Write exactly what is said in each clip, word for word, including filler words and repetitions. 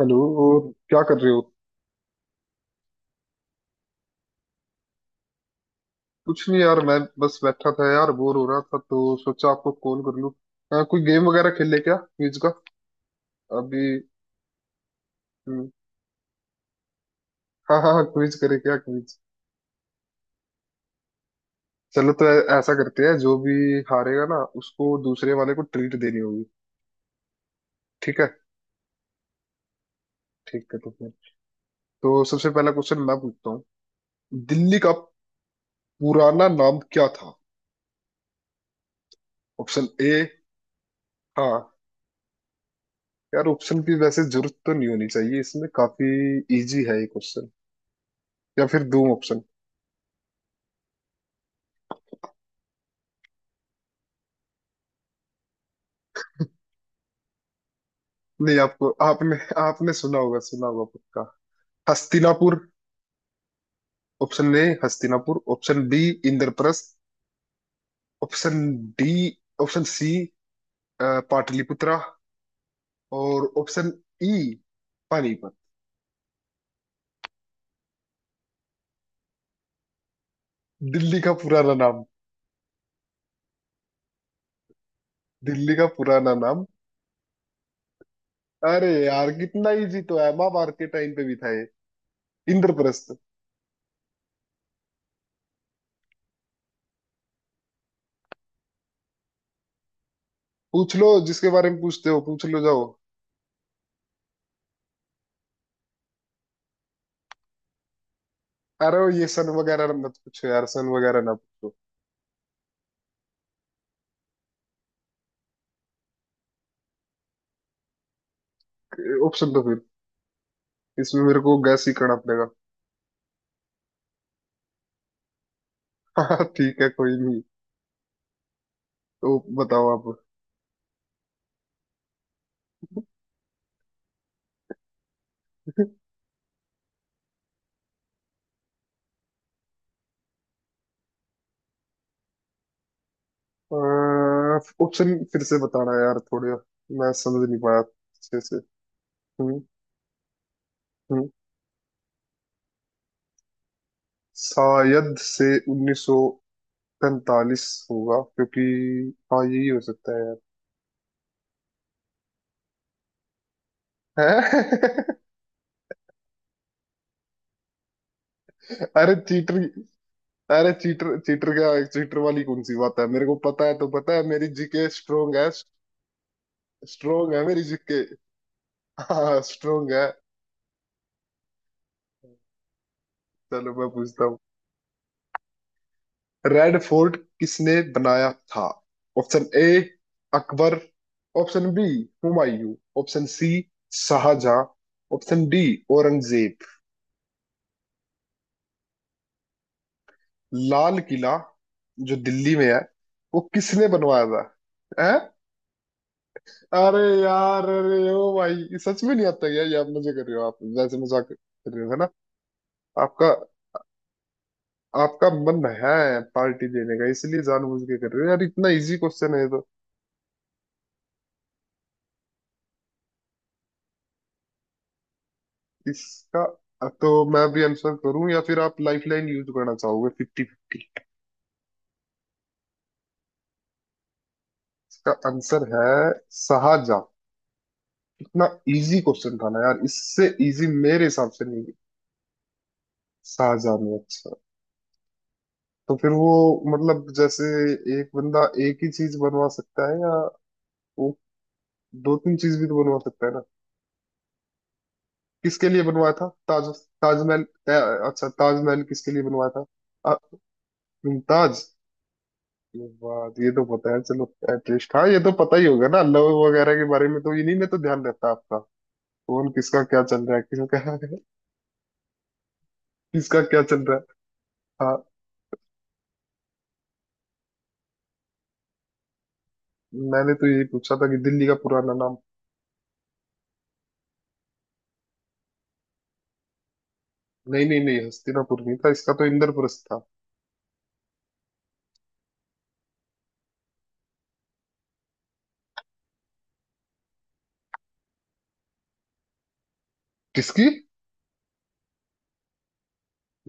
Hello. और क्या कर रहे हो। कुछ नहीं यार, मैं बस बैठा था यार, बोर हो रहा था तो सोचा आपको कॉल कर लूं। अ, कोई गेम वगैरह खेल ले क्या, क्विज का। अभी। हम्म, हाँ हाँ हाँ, क्विज करे क्या, क्विज। चलो तो ऐ- ऐसा करते हैं जो भी हारेगा ना, उसको दूसरे वाले को ट्रीट देनी होगी। ठीक है। ठीक है तो फिर तो सबसे पहला क्वेश्चन मैं पूछता हूँ। दिल्ली का पुराना नाम क्या था। ऑप्शन ए। हाँ यार, ऑप्शन की वैसे जरूरत तो नहीं होनी चाहिए इसमें, काफी इजी है ये क्वेश्चन। या फिर दो ऑप्शन। नहीं आपको, आपने आपने सुना होगा, सुना होगा पक्का। Hastinapur. Option A Hastinapur, option B Indraprastha, option D, option C Pataliputra, और ऑप्शन ई पानीपत। दिल्ली का पुराना नाम। दिल्ली का पुराना नाम। अरे यार, कितना इजी तो है, महाभारत के टाइम पे भी था ये। इंद्रप्रस्थ। पूछ लो जिसके बारे में पूछते हो, पूछ लो जाओ। अरे वो ये सन वगैरह मत पूछो यार, सन वगैरह ना पूछो। ऑप्शन तो फिर इसमें मेरे को गैस ही करना पड़ेगा। हाँ ठीक है, कोई नहीं। तो बताओ आप। ऑप्शन फिर से बताना यार थोड़े, मैं समझ नहीं पाया अच्छे से। हम्म हम्म शायद से उन्नीस सौ पैंतालीस होगा क्योंकि, हाँ यही हो सकता है यार। हैं? अरे चीटर। अरे, चीटर चीटर क्या, चीटर वाली कौन सी बात है, मेरे को पता है तो पता है, मेरी जीके स्ट्रोंग है। स्ट्रोंग है मेरी जीके। हाँ स्ट्रोंग है। चलो मैं पूछता। रेड फोर्ट किसने बनाया था। Option A Akbar, option B Humayun, option C Shahjahan, option D Aurangzeb. Lal Qila जो दिल्ली में है, वो किसने बनवाया था। हैं? अरे यार, अरे ओ भाई, ये सच में नहीं आता यार, ये आप मजे कर रहे हो, आप वैसे मजाक कर रहे हो है ना। आपका आपका मन है पार्टी देने का, इसलिए जानबूझ के कर रहे हो यार, इतना इजी क्वेश्चन है इसका। तो मैं भी आंसर करूं या फिर आप लाइफलाइन यूज करना चाहोगे, फिफ्टी फिफ्टी। इसका आंसर है शाहजहां। इतना इजी क्वेश्चन था ना यार, इससे इजी मेरे हिसाब से नहीं। शाहजहां में अच्छा, तो फिर वो मतलब जैसे एक बंदा एक ही चीज बनवा सकता है, या वो दो तीन चीज भी तो बनवा सकता है ना। किसके लिए बनवाया था ताज, ताजमहल। अ, अच्छा, ताजमहल किसके लिए बनवाया था। अ, मुमताज। ये बात ये तो पता है चलो, एटलीस्ट हाँ ये तो पता ही होगा ना, लव वगैरह के बारे में तो इन्हीं में तो ध्यान रहता है आपका, कौन किसका क्या चल रहा है, किसका किसका क्या चल रहा है। हाँ, मैंने तो यही पूछा था कि दिल्ली का पुराना नाम। नहीं नहीं नहीं हस्तिनापुर नहीं था, इसका तो इंद्रप्रस्थ था। किसकी।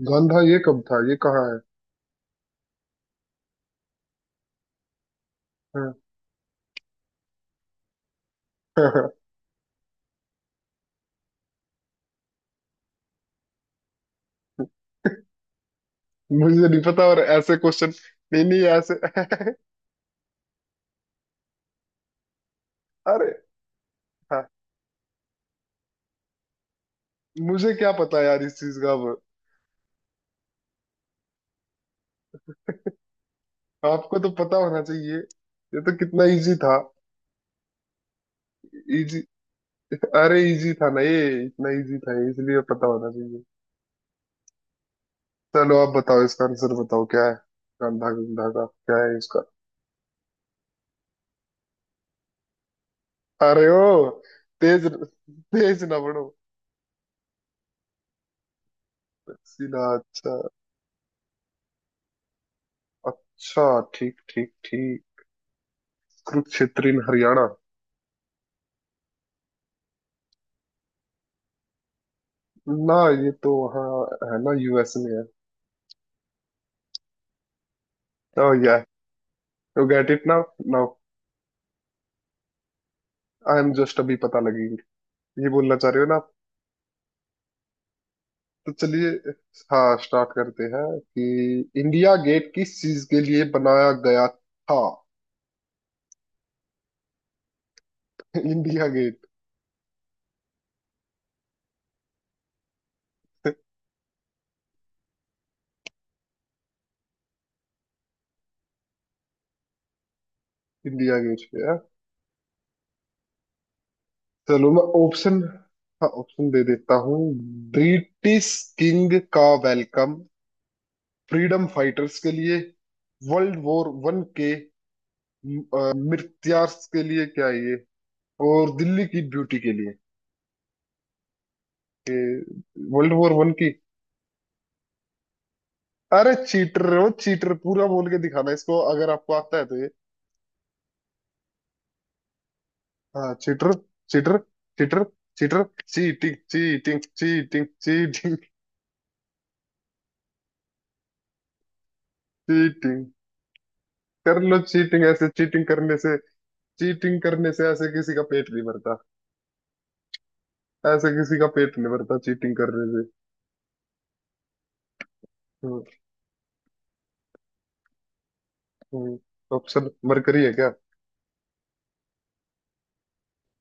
गांधा, ये कब था, ये कहाँ है। हाँ, मुझे नहीं पता, और ऐसे क्वेश्चन। नहीं नहीं ऐसे अरे हाँ, मुझे क्या पता यार इस चीज का अब। आपको तो पता होना चाहिए, ये तो कितना इजी था। इजी, अरे इजी था ना ये, इतना इजी था ये, इसलिए पता होना चाहिए। चलो आप बताओ इसका आंसर बताओ क्या है। गंधा, गंधा का क्या है इसका। अरे ओ, तेज तेज ना बढ़ो। सीधा अच्छा, अच्छा, ठीक ठीक ठीक। कुरुक्षेत्र in हरियाणा ना, ये तो वहाँ है ना, यूएस में है। Oh yeah, you get it now, now I am just अभी पता लगी ये बोलना चाह रहे हो ना। तो चलिए, हाँ स्टार्ट करते हैं कि इंडिया गेट किस चीज के लिए बनाया गया था। इंडिया गेट, इंडिया गेट पे है। चलो मैं ऑप्शन, हाँ ऑप्शन दे देता हूँ। ब्रिटिश किंग का वेलकम, फ्रीडम फाइटर्स के लिए, वर्ल्ड वॉर वन के अ, मृत्यार्स के लिए क्या ये, और दिल्ली की ब्यूटी के लिए। वर्ल्ड वॉर वन की। अरे चीटर हो चीटर, पूरा बोल के दिखाना इसको अगर आपको आता है तो। हाँ cheater, cheater, cheater, cheater, cheating cheating cheating cheating. Cheating कर लो, चीटिंग, ऐसे चीटिंग करने से, चीटिंग करने से ऐसे किसी का पेट नहीं भरता, ऐसे किसी का पेट नहीं भरता चीटिंग करने से। ऑप्शन मरकरी है क्या।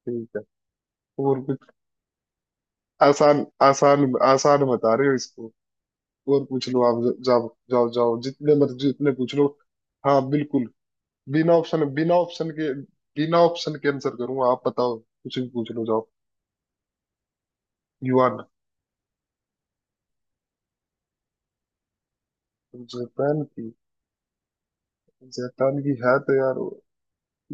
ठीक है, और कुछ। आसान आसान आसान बता रहे हो इसको, और पूछ लो, आप ज- जाओ जाओ जाओ, जितने मर्जी उतने पूछ लो। हाँ बिल्कुल, बिना ऑप्शन बिना ऑप्शन के, बिना ऑप्शन के आंसर करूंगा, आप बताओ कुछ भी पूछ लो जाओ। युआन। जापान की, जापान की है तो यार वो-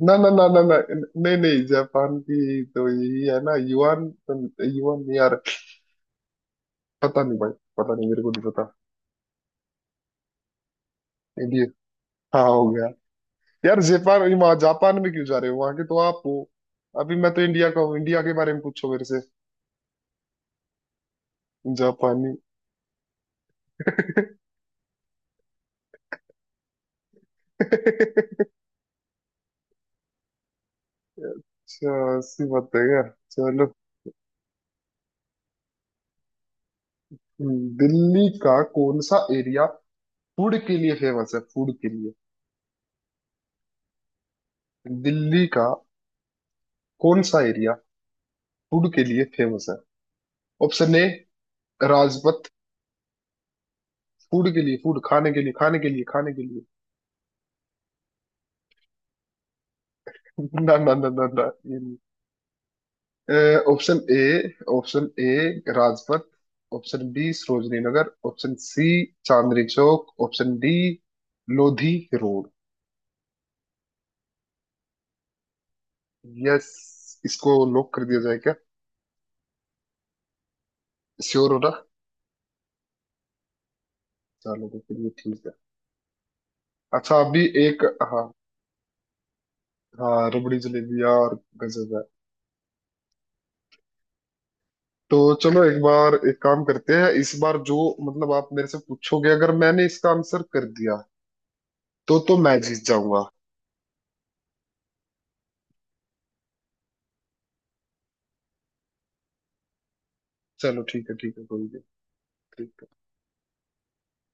ना ना ना ना ना, नहीं नहीं जापान की तो यही है ना युआन तो- युआन नहीं यार, पता नहीं भाई, पता नहीं, मेरे को नहीं पता। इंडिया, हाँ हो गया। यार जापान, वहाँ जापान में क्यों जा रहे हो, वहां के तो आप हो, अभी मैं तो इंडिया का हूँ, इंडिया के बारे में पूछो मेरे से। जापानी अच्छा, ऐसी बात है क्या। चलो। हम्म, दिल्ली का कौन सा एरिया फूड के लिए फेमस है, फूड के लिए, दिल्ली का कौन सा एरिया फूड के लिए फेमस है। ऑप्शन ए राजपथ, फूड के लिए, फूड खाने के लिए, खाने के लिए, खाने के लिए। ना ना ना ना ना, ये नहीं। Option A, option A Rajpath, option B Sarojini Nagar, option C Chandni Chowk, option D Lodhi Road. Yes, इसको लॉक कर दिया जाए क्या, श्योर हो ना। चलो तो फिर ये ठीक है। अच्छा अभी एक, हाँ हाँ, रबड़ी जलेबी और गजब। तो चलो एक बार एक काम करते हैं, इस बार जो मतलब आप मेरे से पूछोगे, अगर मैंने इसका आंसर कर दिया तो तो मैं जीत जाऊंगा। चलो ठीक है, ठीक है कोई नहीं, ठीक है।